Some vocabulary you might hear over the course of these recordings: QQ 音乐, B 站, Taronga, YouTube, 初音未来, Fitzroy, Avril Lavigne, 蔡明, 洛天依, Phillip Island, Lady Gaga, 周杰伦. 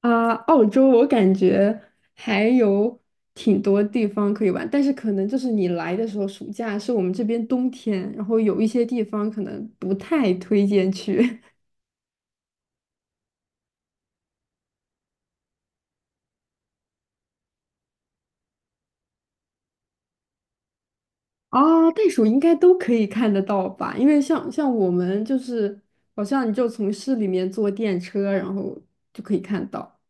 啊，澳洲我感觉还有挺多地方可以玩，但是可能就是你来的时候，暑假是我们这边冬天，然后有一些地方可能不太推荐去。啊，袋鼠应该都可以看得到吧？因为像我们就是，好像你就从市里面坐电车，然后就可以看到。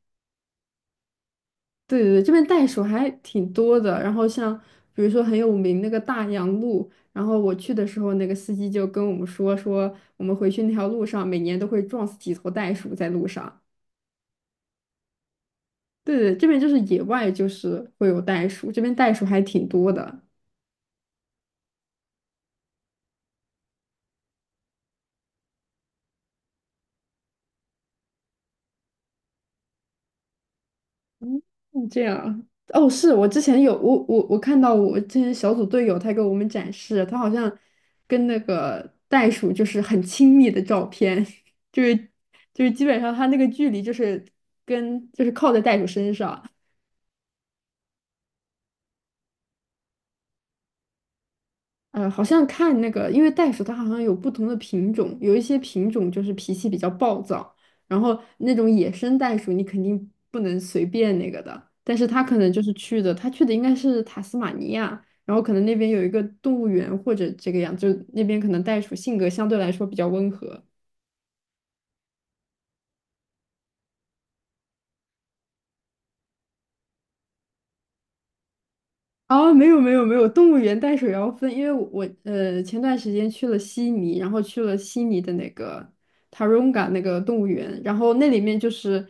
对对对，这边袋鼠还挺多的。然后像比如说很有名那个大洋路，然后我去的时候，那个司机就跟我们说说，我们回去那条路上每年都会撞死几头袋鼠在路上。对对，这边就是野外就是会有袋鼠，这边袋鼠还挺多的。嗯，这样啊。哦，是我看到我之前小组队友他给我们展示，他好像跟那个袋鼠就是很亲密的照片。就是就是基本上他那个距离就是跟就是靠在袋鼠身上。好像看那个，因为袋鼠它好像有不同的品种，有一些品种就是脾气比较暴躁，然后那种野生袋鼠你肯定不能随便那个的，但是它可能就是去的，它去的应该是塔斯马尼亚，然后可能那边有一个动物园或者这个样，就那边可能袋鼠性格相对来说比较温和。哦，没有没有没有，动物园淡水要分，因为我前段时间去了悉尼，然后去了悉尼的那个 Taronga 那个动物园，然后那里面就是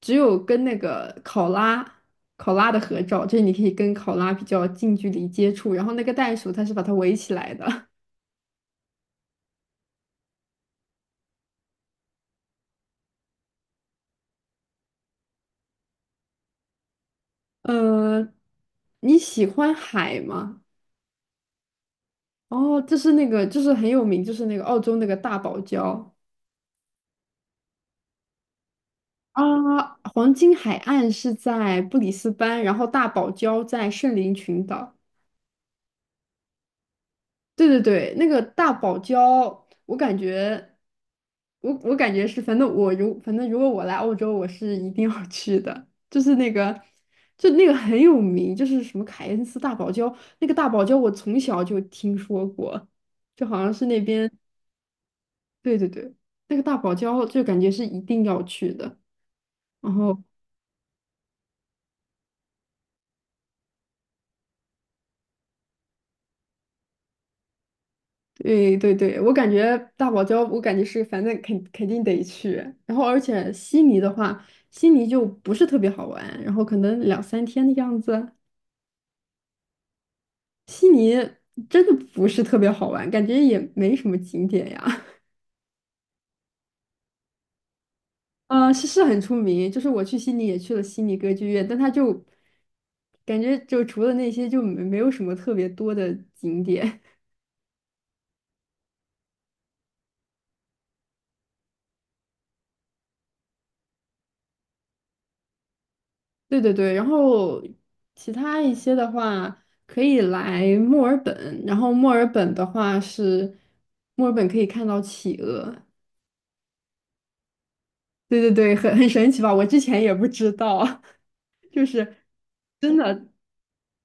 只有跟那个考拉的合照，就是你可以跟考拉比较近距离接触，然后那个袋鼠它是把它围起来的。呃，你喜欢海吗？哦，这是那个就是很有名，就是那个澳洲那个大堡礁。啊，黄金海岸是在布里斯班，然后大堡礁在圣灵群岛。对对对，那个大堡礁，我感觉，我感觉是，反正如果我来澳洲，我是一定要去的。就是那个，就那个很有名，就是什么凯恩斯大堡礁，那个大堡礁我从小就听说过，就好像是那边。对对对，那个大堡礁就感觉是一定要去的。然后。对对对，我感觉大堡礁，我感觉是反正肯定得去。然后，而且悉尼的话，悉尼就不是特别好玩，然后可能两三天的样子。悉尼真的不是特别好玩，感觉也没什么景点呀。是是很出名，就是我去悉尼也去了悉尼歌剧院，但它就感觉就除了那些就没有什么特别多的景点。对对对，然后其他一些的话可以来墨尔本，然后墨尔本的话是墨尔本可以看到企鹅。对对对，很神奇吧？我之前也不知道。就是真的。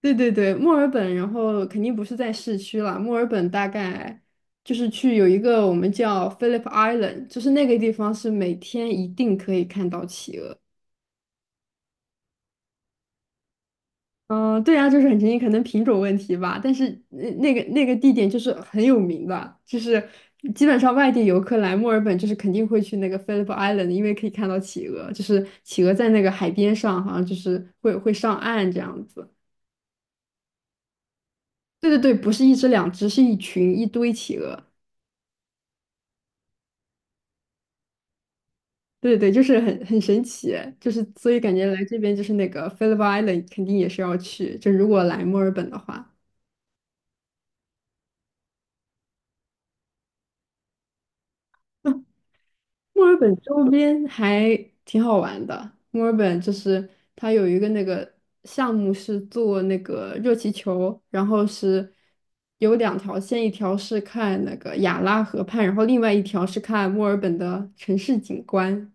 对对对，墨尔本，然后肯定不是在市区了，墨尔本大概就是去有一个我们叫 Phillip Island，就是那个地方是每天一定可以看到企鹅。嗯，对啊，就是很神奇，可能品种问题吧。但是那个地点就是很有名的，就是基本上外地游客来墨尔本，就是肯定会去那个 Phillip Island，因为可以看到企鹅，就是企鹅在那个海边上，好像就是会上岸这样子。对对对，不是一只两只，是一群一堆企鹅。对对对，就是很神奇，就是所以感觉来这边就是那个 Phillip Island 肯定也是要去，就如果来墨尔本的话。墨尔本周边还挺好玩的。墨尔本就是它有一个那个项目是做那个热气球，然后是有两条线，一条是看那个亚拉河畔，然后另外一条是看墨尔本的城市景观。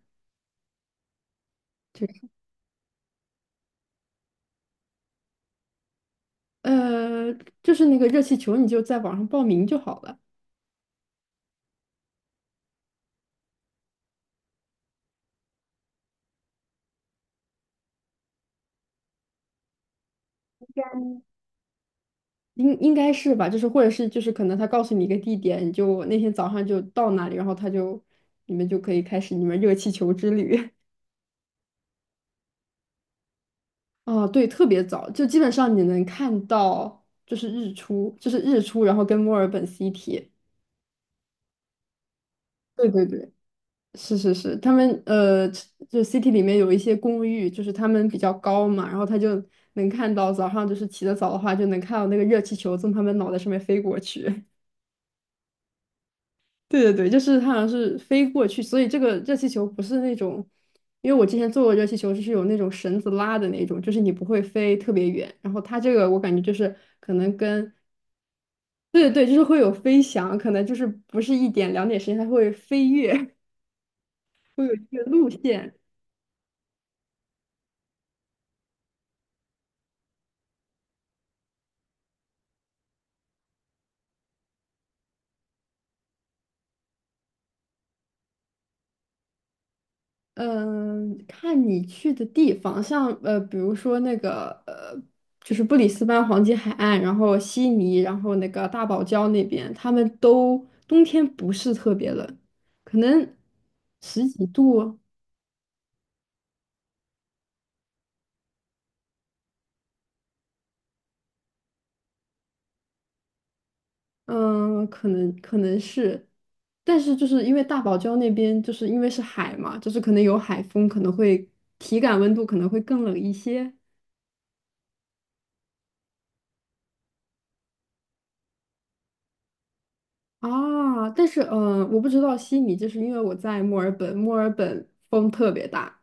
呃，就是那个热气球，你就在网上报名就好了。应该是吧？就是或者是就是可能他告诉你一个地点，你就那天早上就到那里，然后他就你们就可以开始你们热气球之旅。哦，对，特别早，就基本上你能看到，就是日出，就是日出，然后跟墨尔本 City。对对对，是是是，他们就 City 里面有一些公寓，就是他们比较高嘛，然后他就能看到早上，就是起得早的话，就能看到那个热气球从他们脑袋上面飞过去。对对对，就是他好像是飞过去，所以这个热气球不是那种，因为我之前做过热气球，就是有那种绳子拉的那种，就是你不会飞特别远。然后它这个我感觉就是可能跟对对对就是会有飞翔，可能就是不是一点两点时间，它会飞跃。会有这个路线。嗯，看你去的地方，像比如说那个就是布里斯班黄金海岸，然后悉尼，然后那个大堡礁那边，他们都冬天不是特别冷，可能十几度哦。嗯，可能是，但是就是因为大堡礁那边就是因为是海嘛，就是可能有海风，可能会体感温度可能会更冷一些。啊。但是嗯，我不知道悉尼，就是因为我在墨尔本，墨尔本风特别大。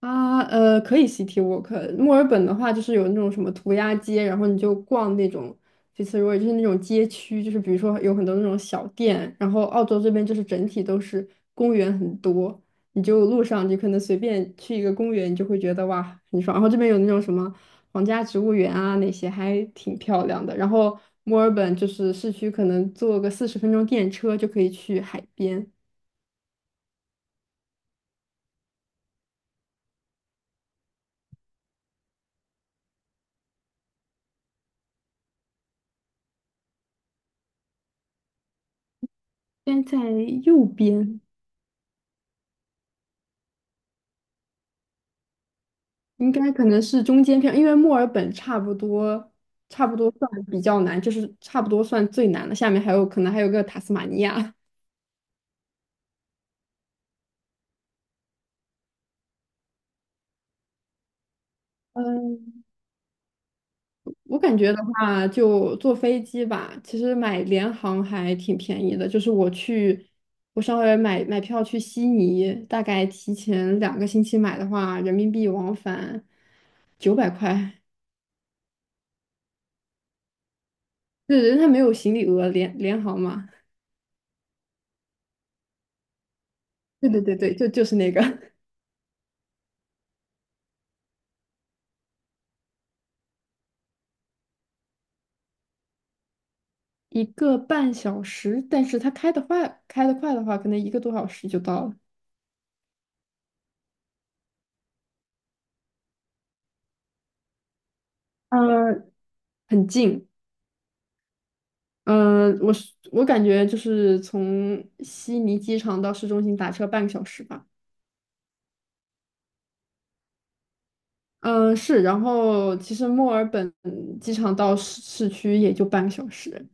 啊，可以 City Walk。墨尔本的话，就是有那种什么涂鸦街，然后你就逛那种 Fitzroy，就是那种街区，就是比如说有很多那种小店。然后澳洲这边就是整体都是公园很多，你就路上你可能随便去一个公园，你就会觉得哇很爽。然后这边有那种什么皇家植物园啊，那些还挺漂亮的。然后墨尔本就是市区，可能坐个40分钟电车就可以去海边，边在右边。应该可能是中间票，因为墨尔本差不多，差不多算比较难，就是差不多算最难的。下面还有可能还有个塔斯马尼亚。嗯 我感觉的话，就坐飞机吧。其实买联航还挺便宜的，就是我去，我稍微买买票去悉尼，大概提前2个星期买的话，人民币往返900块。对人家没有行李额，联航嘛。对对对对，就是那个。1个半小时，但是它开得快，开得快的话，可能1个多小时就到了。呃，很近。嗯，我感觉就是从悉尼机场到市中心打车半个小时吧。嗯、是。然后其实墨尔本机场到市区也就半个小时。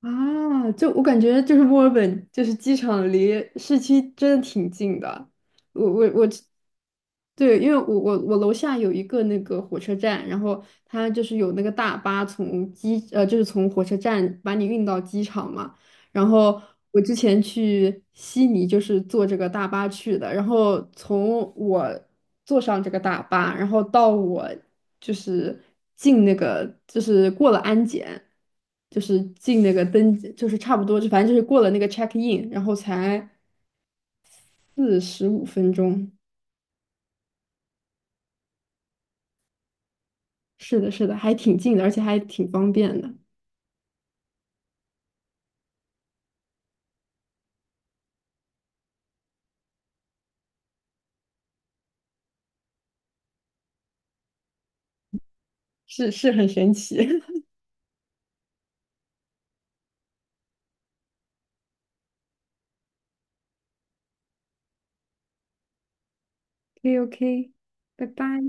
啊，就我感觉就是墨尔本，就是机场离市区真的挺近的。我我我，对，因为我楼下有一个那个火车站，然后它就是有那个大巴就是从火车站把你运到机场嘛。然后我之前去悉尼就是坐这个大巴去的，然后从我坐上这个大巴，然后到我就是进那个就是过了安检，就是进那个登记，就是差不多就反正就是过了那个 check in，然后才45分钟。是的，是的，还挺近的，而且还挺方便的，是是很神奇。OK OK，拜拜。